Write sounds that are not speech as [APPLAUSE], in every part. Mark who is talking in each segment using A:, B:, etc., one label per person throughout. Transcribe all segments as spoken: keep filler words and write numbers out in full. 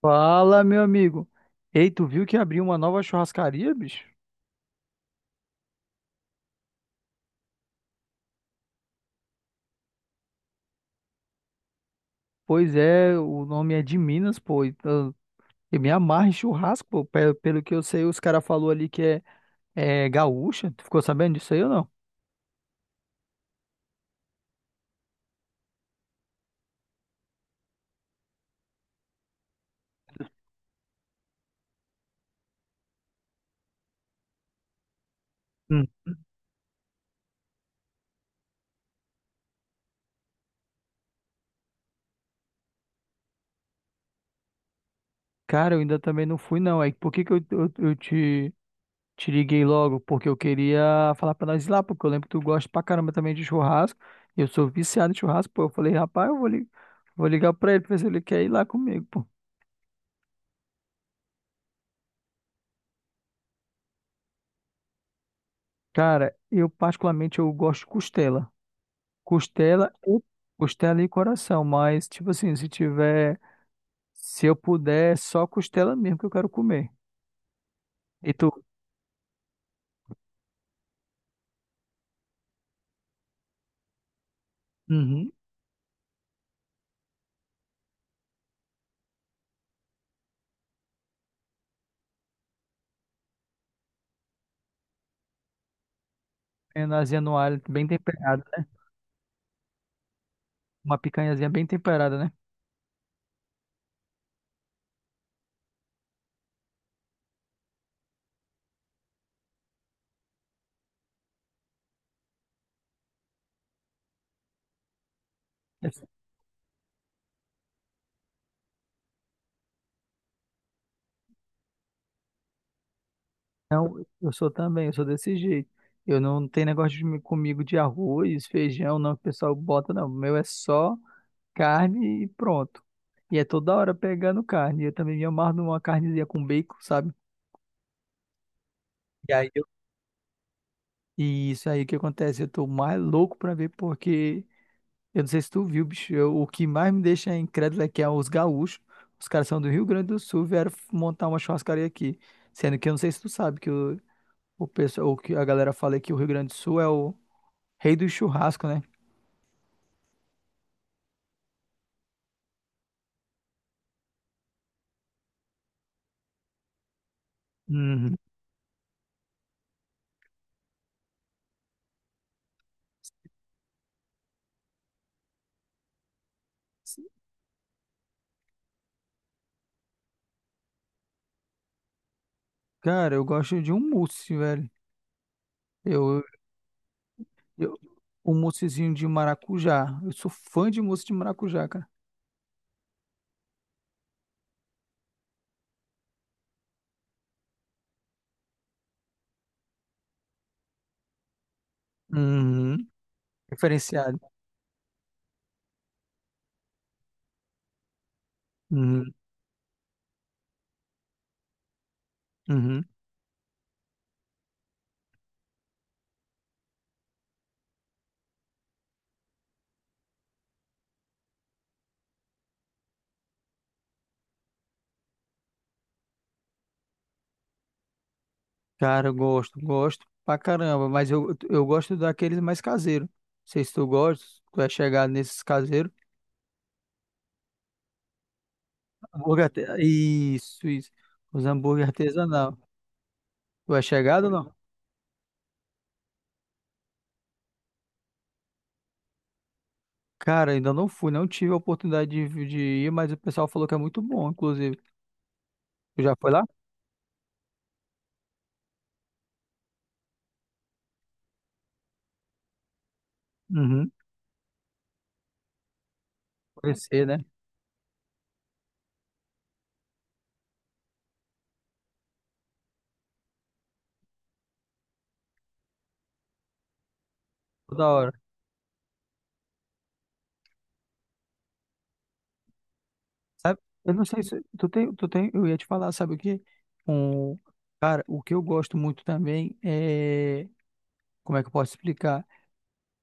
A: Fala, meu amigo. Ei, tu viu que abriu uma nova churrascaria, bicho? Pois é, o nome é de Minas, pô. e Eu, eu me amarro em churrasco, pô. Pe- Pelo que eu sei, os caras falou ali que é, é gaúcha. Tu ficou sabendo disso aí ou não? Hum. Cara, eu ainda também não fui, não. Aí, por que que eu, eu, eu te, te liguei logo? Porque eu queria falar pra nós ir lá, porque eu lembro que tu gosta pra caramba também de churrasco. Eu sou viciado em churrasco, pô. Eu falei, rapaz, eu vou, li- vou ligar pra ele pra ver se ele quer ir lá comigo, pô. Cara, eu particularmente eu gosto de costela. Costela e costela e coração, mas tipo assim, se tiver, se eu puder, é só costela mesmo que eu quero comer. E tu? Uhum. Penazinha no alho, bem temperada, né? Uma picanhazinha bem temperada, né? Não, eu sou também, eu sou desse jeito. Eu não tenho negócio de, me- comigo de arroz, feijão, não, que o pessoal bota, não. O meu é só carne e pronto. E é toda hora pegando carne. Eu também me amarro numa carnezinha com bacon, sabe? E isso aí que acontece, eu tô mais louco pra ver, porque eu não sei se tu viu, bicho, eu- o que mais me deixa incrédulo é que é os gaúchos, os caras são do Rio Grande do Sul, vieram f- montar uma churrascaria aqui, sendo que eu não sei se tu sabe que o, o pessoal, o que a galera fala é que o Rio Grande do Sul é o rei do churrasco, né? Uhum. Cara, eu gosto de um mousse, velho. Eu, eu, um moussezinho de maracujá. Eu sou fã de mousse de maracujá, cara. Uhum. Diferenciado. Uhum. Uhum. Cara, eu gosto, gosto pra caramba, mas eu, eu gosto daqueles mais caseiros. Não sei se tu gosta, se tu é chegado nesses caseiros. Hambúrguer, arte- isso, isso. Os hambúrguer artesanal. Tu é chegado ou não? Cara, ainda não fui, não tive a oportunidade de, de ir, mas o pessoal falou que é muito bom, inclusive. Tu já foi lá? Uhum. Conhecer, né? Toda hora. Eu não sei se tu tem, tu tem, eu ia te falar, sabe o quê? Um, cara, o que eu gosto muito também é, como é que eu posso explicar?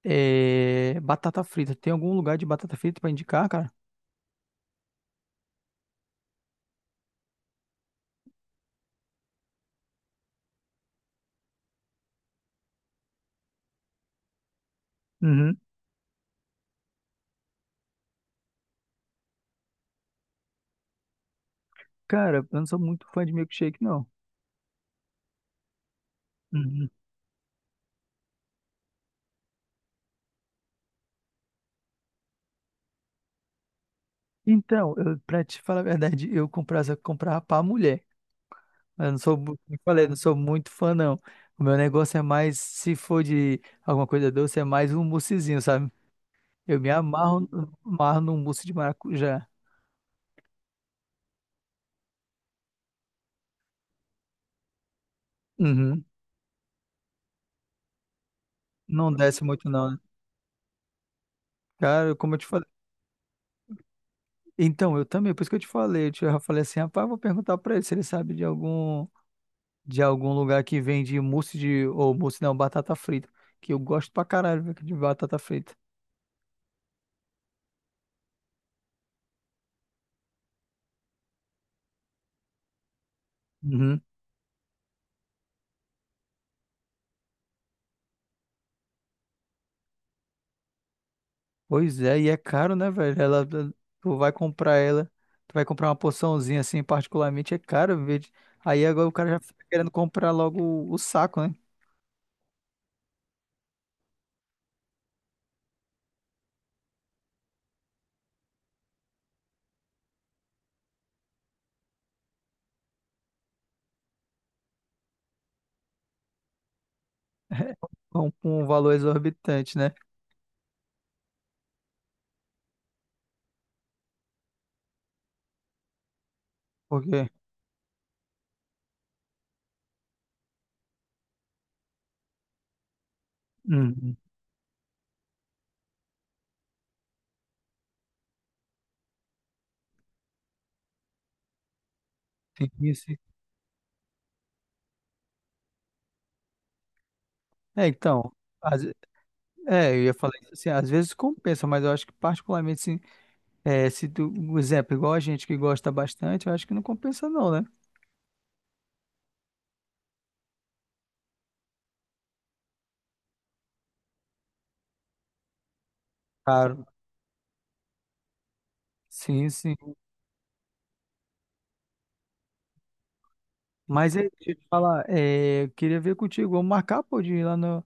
A: É, batata frita. Tem algum lugar de batata frita pra indicar, cara? Uhum. Cara, eu não sou muito fã de milkshake, não. Uhum. Então, eu, pra te falar a verdade, eu comprava, comprava pra mulher. Eu não sou, mu- como eu falei, não sou muito fã, não. O meu negócio é mais, se for de alguma coisa doce, é mais um moussezinho, sabe? Eu me amarro, amarro num mousse de maracujá. Uhum. Não desce muito, não, né? Cara, como eu te falei. Então, eu também, por isso que eu te falei. Eu te- eu falei assim, rapaz, eu vou perguntar pra ele se ele sabe de algum. De algum lugar que vende mousse de. Ou mousse não, batata frita. Que eu gosto pra caralho, velho, de batata frita. Uhum. Pois é, e é caro, né, velho? Ela, tu vai comprar ela, tu vai comprar uma porçãozinha assim, particularmente, é caro, velho. Aí agora o cara já fica querendo comprar logo o, o saco, né? [LAUGHS] Com, com um valor exorbitante, né? Porque. Uhum. Tem isso. É, então. às- é, eu ia falar isso assim, às vezes compensa, mas eu acho que particularmente, assim, é, se tu, um exemplo, igual a gente que gosta bastante, eu acho que não compensa não, né? Claro. Sim, sim. Mas aí, deixa eu te falar, é, eu queria ver contigo, vamos marcar, pô, de ir lá no,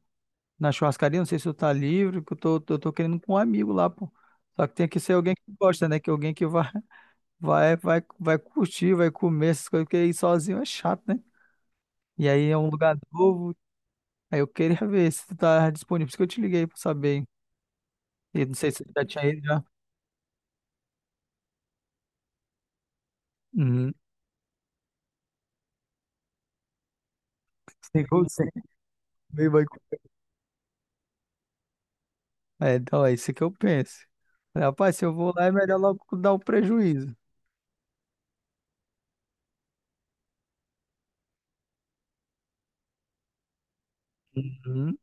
A: na churrascaria, não sei se tu tá livre, que eu tô, tô, tô querendo ir com um amigo lá, pô. Só que tem que ser alguém que gosta, né? Que alguém que vai, [LAUGHS] vai, vai, vai curtir, vai comer essas coisas, porque ir sozinho é chato, né? E aí é um lugar novo, aí eu queria [LAUGHS] ver se tu tá disponível, por isso que eu te liguei pra saber, hein? E não sei se tu já tinha ido já. Uhum. Sem, sem, é, então é isso que eu penso. Rapaz, se eu vou lá, é melhor logo dar o prejuízo. Uhum.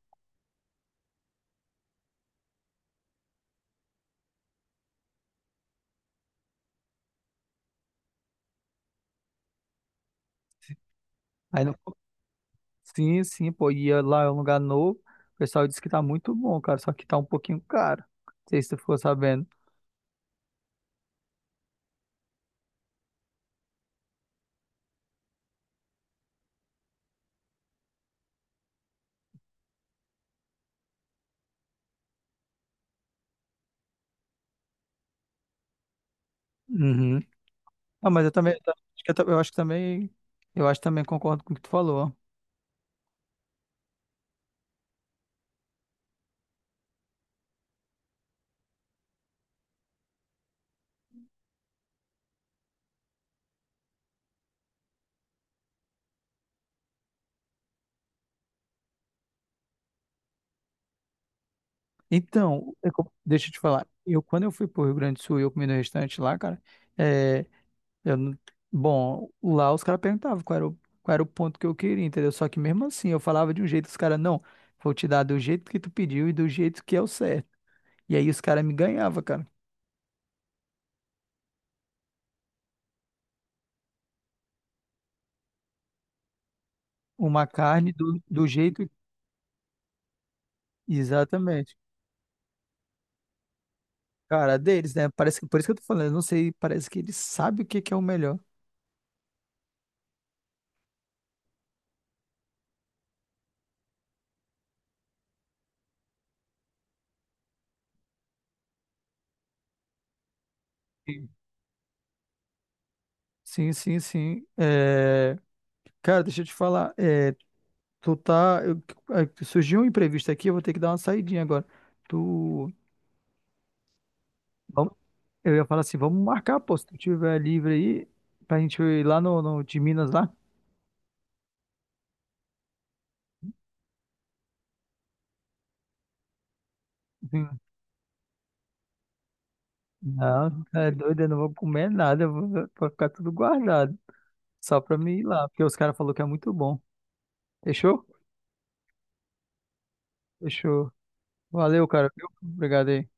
A: Aí não... Sim, sim, pô, e lá é um lugar novo. O pessoal disse que tá muito bom, cara, só que tá um pouquinho caro. Não sei se tu ficou sabendo. Uhum. Ah, mas eu também, eu tam- acho que eu, tam- eu acho que também, eu acho que também concordo com o que tu falou. Então, é co- deixa eu te falar. Eu, quando eu fui pro Rio Grande do Sul, e eu comi no restaurante lá, cara. eh, Eu, não- bom, lá os caras perguntavam qual era o, qual era o ponto que eu queria, entendeu? Só que mesmo assim, eu falava de um jeito, os caras, não, vou te dar do jeito que tu pediu e do jeito que é o certo. E aí os caras me ganhavam, cara. Uma carne do, do jeito. Exatamente. Cara, deles, né? Parece que, por isso que eu tô falando, eu não sei, parece que eles sabem o que que é o melhor. Sim, sim, sim. É, cara, deixa eu te falar. É, Tu tá. eu- é, surgiu um imprevisto aqui, eu vou ter que dar uma saidinha agora. Tu. Vamos, eu ia falar assim, vamos marcar, pô, se tu tiver livre aí, pra gente ir lá no, no de Minas lá. Hum. Não, tá é doido, eu não vou comer nada, eu vou, vou ficar tudo guardado. Só pra mim ir lá, porque os caras falaram que é muito bom. Fechou? Fechou. Valeu, cara, viu? Obrigado aí.